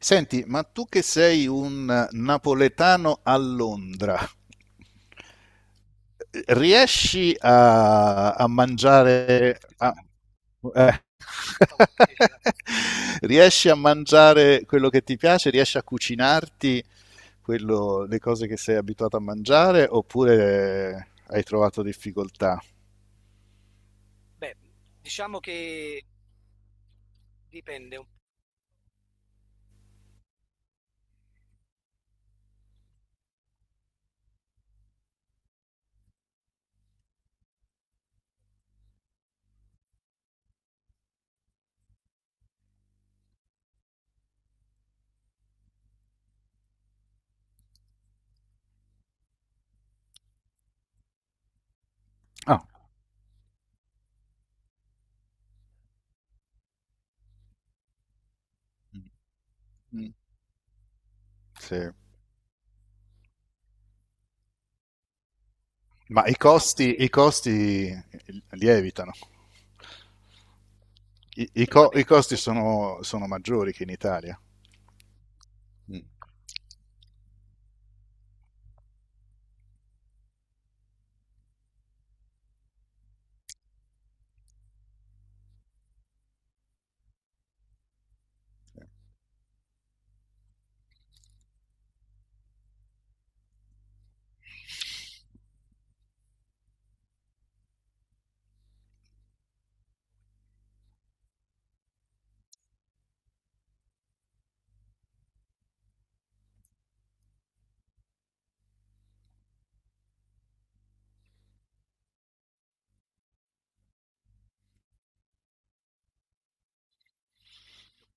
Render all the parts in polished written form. Senti, ma tu che sei un napoletano a Londra, riesci a eh, riesci a mangiare quello che ti piace? Riesci a cucinarti le cose che sei abituato a mangiare oppure hai trovato difficoltà? Beh, diciamo che dipende. Ah, mm, mm, sì. Ma i Diciamo costi, che i che costi lievitano. I costi sono, sono maggiori che in Italia. Mm.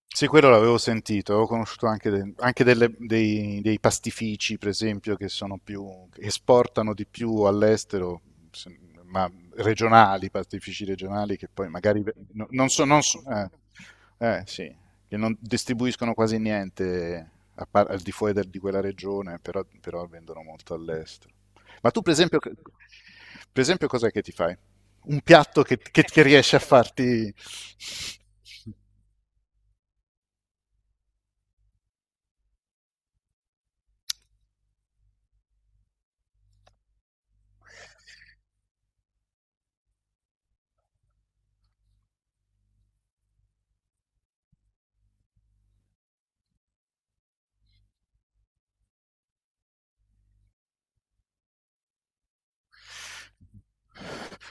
Sì, quello l'avevo sentito, ho conosciuto anche, anche dei pastifici, per esempio, che sono più, che esportano di più all'estero, se- ma regionali, pastifici regionali, che poi magari non so, sì, che non distribuiscono quasi niente a al di fuori di quella regione, però, però vendono molto all'estero. Ma tu, per esempio, per esempio, cos'è che ti fai? Un piatto che, che riesci a farti...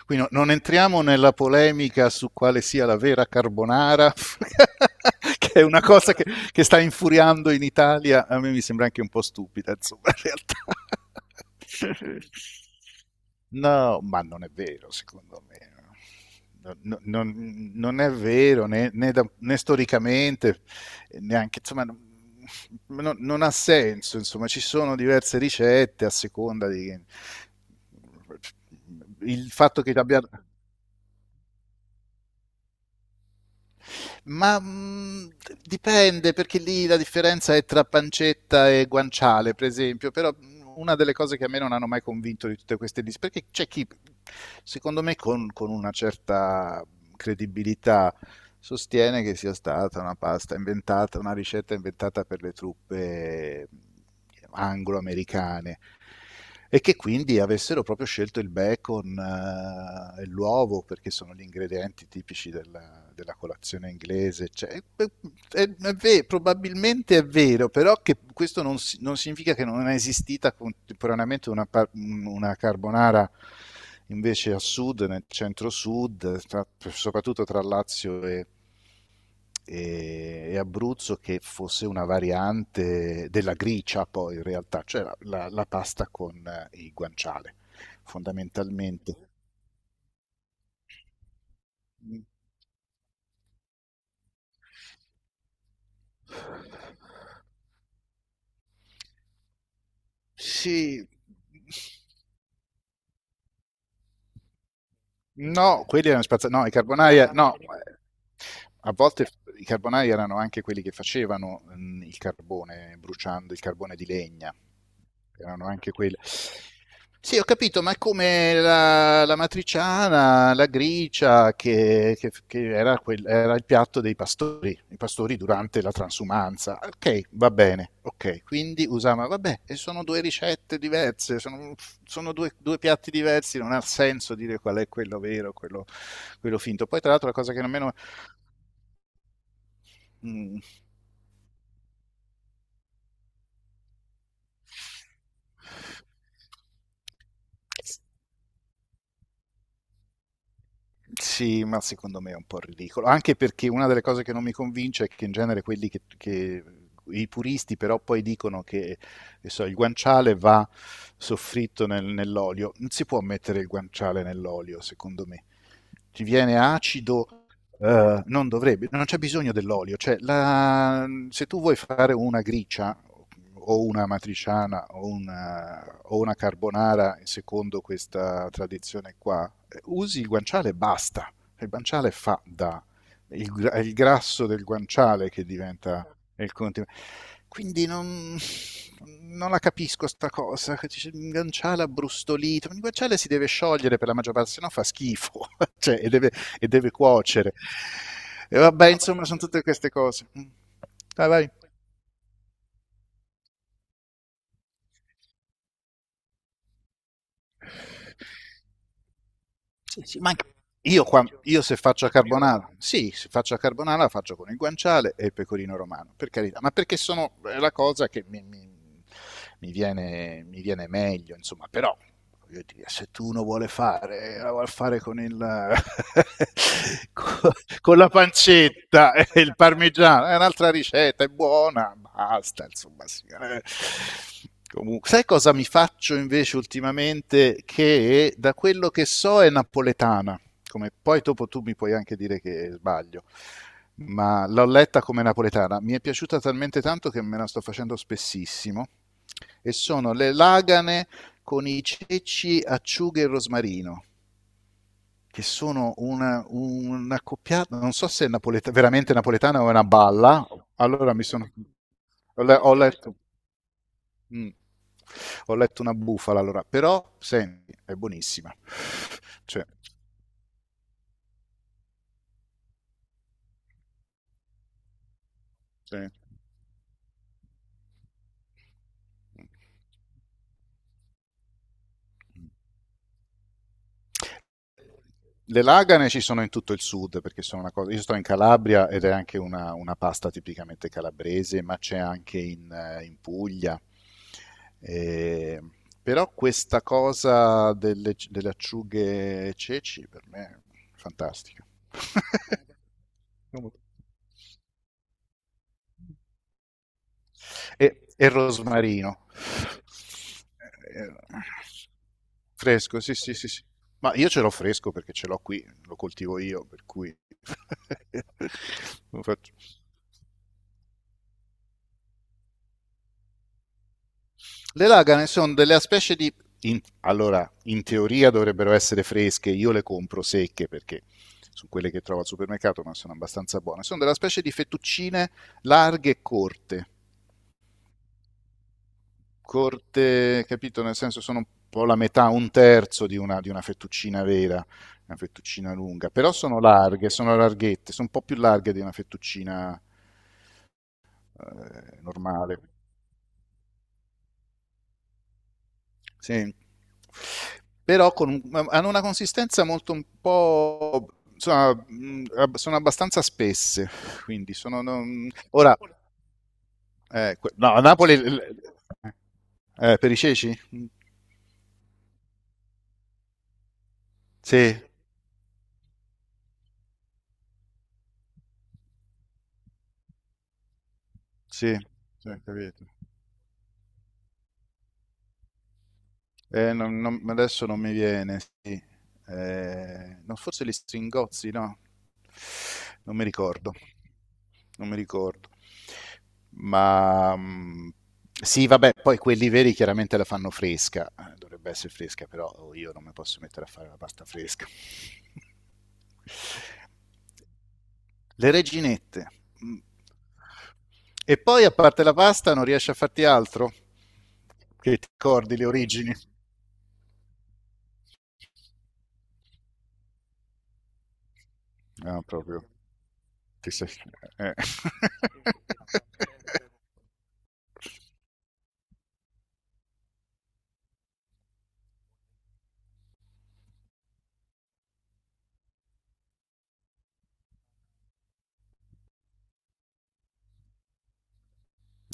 Quindi non entriamo nella polemica su quale sia la vera carbonara, che è una cosa che sta infuriando in Italia. A me mi sembra anche un po' stupida, insomma, in realtà. No, ma non è vero, secondo me. No, no, non è vero né, né storicamente, neanche, insomma, non ha senso, insomma, ci sono diverse ricette a seconda di... Il fatto che abbiano... Ma dipende, perché lì la differenza è tra pancetta e guanciale, per esempio, però una delle cose che a me non hanno mai convinto di tutte queste liste, perché c'è chi, secondo me, con una certa credibilità sostiene che sia stata una pasta inventata, una ricetta inventata per le truppe anglo-americane e che quindi avessero proprio scelto il bacon e l'uovo perché sono gli ingredienti tipici della, della colazione inglese. Cioè, è- probabilmente è vero, però che questo non significa che non è esistita contemporaneamente una, una carbonara invece a sud, nel centro-sud, soprattutto tra Lazio e e Abruzzo che fosse una variante della gricia poi in realtà, cioè la, la pasta con il guanciale, fondamentalmente. Sì, no, quelli erano spazzati, no, i carbonara, no. A volte i carbonai erano anche quelli che facevano, il carbone bruciando il carbone di legna. Erano anche quelli. Sì, ho capito, ma è come la matriciana, la gricia che era quel era il piatto dei pastori, i pastori durante la transumanza. Okay, va bene, okay. Quindi usava vabbè, e sono 2 ricette diverse, sono 2 piatti diversi, non ha senso dire qual è quello vero, quello finto. Poi tra l'altro la cosa che a me no mhmm, sì, ma secondo me è un po' ridicolo, anche perché una delle cose che non mi convince è che in genere quelli che, i puristi però poi dicono che so, il guanciale va nell'olio, non si può mettere il guanciale nell'olio, secondo me. Ti viene acido, non dovrebbe, non c'è bisogno dell'olio, se tu vuoi fare una gricia o una matriciana o una carbonara secondo questa tradizione qua, usi il guanciale e basta. Il guanciale fa da... è il grasso del guanciale che diventa il continuo. Quindi non la capisco sta cosa, che dice un guanciale abbrustolito, un guanciale si deve sciogliere per la maggior parte, se no fa schifo, cioè, e deve cuocere. E vabbè, insomma, sono tutte queste cose. Dai, vai. Sì, sì, ma anche- io, io se faccio a carbonara, sì, se faccio a carbonara la faccio con il guanciale e il pecorino romano, per carità, ma perché sono è la cosa che mi viene meglio, insomma, però voglio dire, se tu uno vuole fare, la vuole fare con, il, con, con la pancetta e il parmigiano, è un'altra ricetta, è buona, basta, insomma. Sì, eh. Comunque, sai cosa mi faccio invece ultimamente? Che da quello che so è napoletana, come poi dopo tu mi puoi anche dire che sbaglio, ma l'ho letta come napoletana, mi è piaciuta talmente tanto che me la sto facendo spessissimo, e sono le lagane con i ceci, acciughe e rosmarino, che sono una coppiata, non so se è veramente napoletana o è una balla, allora mi sono... Ho, ho letto... mm. Ho letto una bufala allora, però senti, è buonissima. Cioè, sì. Le lagane ci sono in tutto il sud, perché sono una cosa... Io sto in Calabria ed è anche una pasta tipicamente calabrese, ma c'è anche in, in Puglia. Eh, però questa cosa delle, delle acciughe e ceci per me è fantastica. No, e rosmarino. Eh, Fresco, sì, sì, sì, sì. Ma io ce l'ho fresco perché ce l'ho qui, lo coltivo io, per cui... Lo faccio. Le lagane sono delle specie di... allora, in teoria dovrebbero essere fresche, io le compro secche perché sono quelle che trovo al supermercato, ma sono abbastanza buone. Sono della specie di fettuccine larghe e corte. Corte, capito? Nel senso sono un po' la metà, un terzo di una fettuccina vera, una fettuccina lunga, però sono larghe, sono larghette, sono un po' più larghe di una fettuccina normale. Sì. Però con hanno una consistenza molto un po'... Insomma, sono abbastanza spesse, quindi sono... Ora, no, a Napoli... per i ceci? Mm, sì, sì, sì, capito. Adesso non mi viene, sì. No, forse gli Stringozzi, no? Non mi ricordo, non mi ricordo. Ma sì, vabbè, poi quelli veri chiaramente la fanno fresca. Dovrebbe essere fresca, però oh, io non mi posso mettere a fare la pasta fresca. Le reginette. Mm. E poi, a parte la pasta, non riesci a farti altro? Che ti ricordi le origini? Ah, proprio. Ti sei... eh.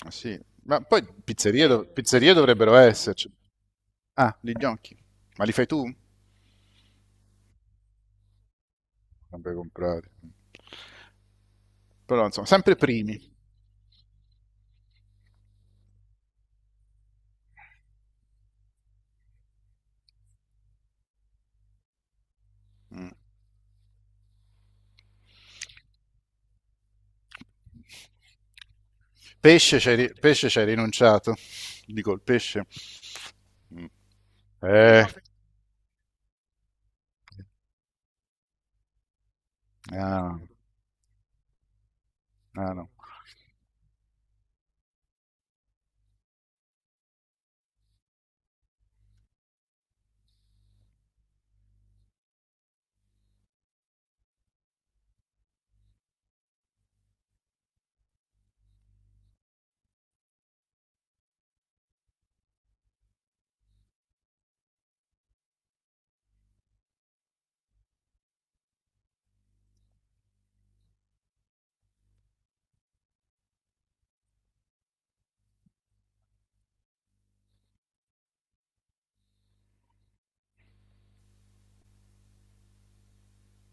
Sì, ma poi pizzerie, pizzerie dovrebbero esserci. Ah, gli gnocchi. Ma li fai tu? Sempre comprati. Però insomma, sempre primi. Mm. Pesce c'hai, pesce c'hai rinunciato. Dico il pesce. Mm. Eh, ah, no, ah, no.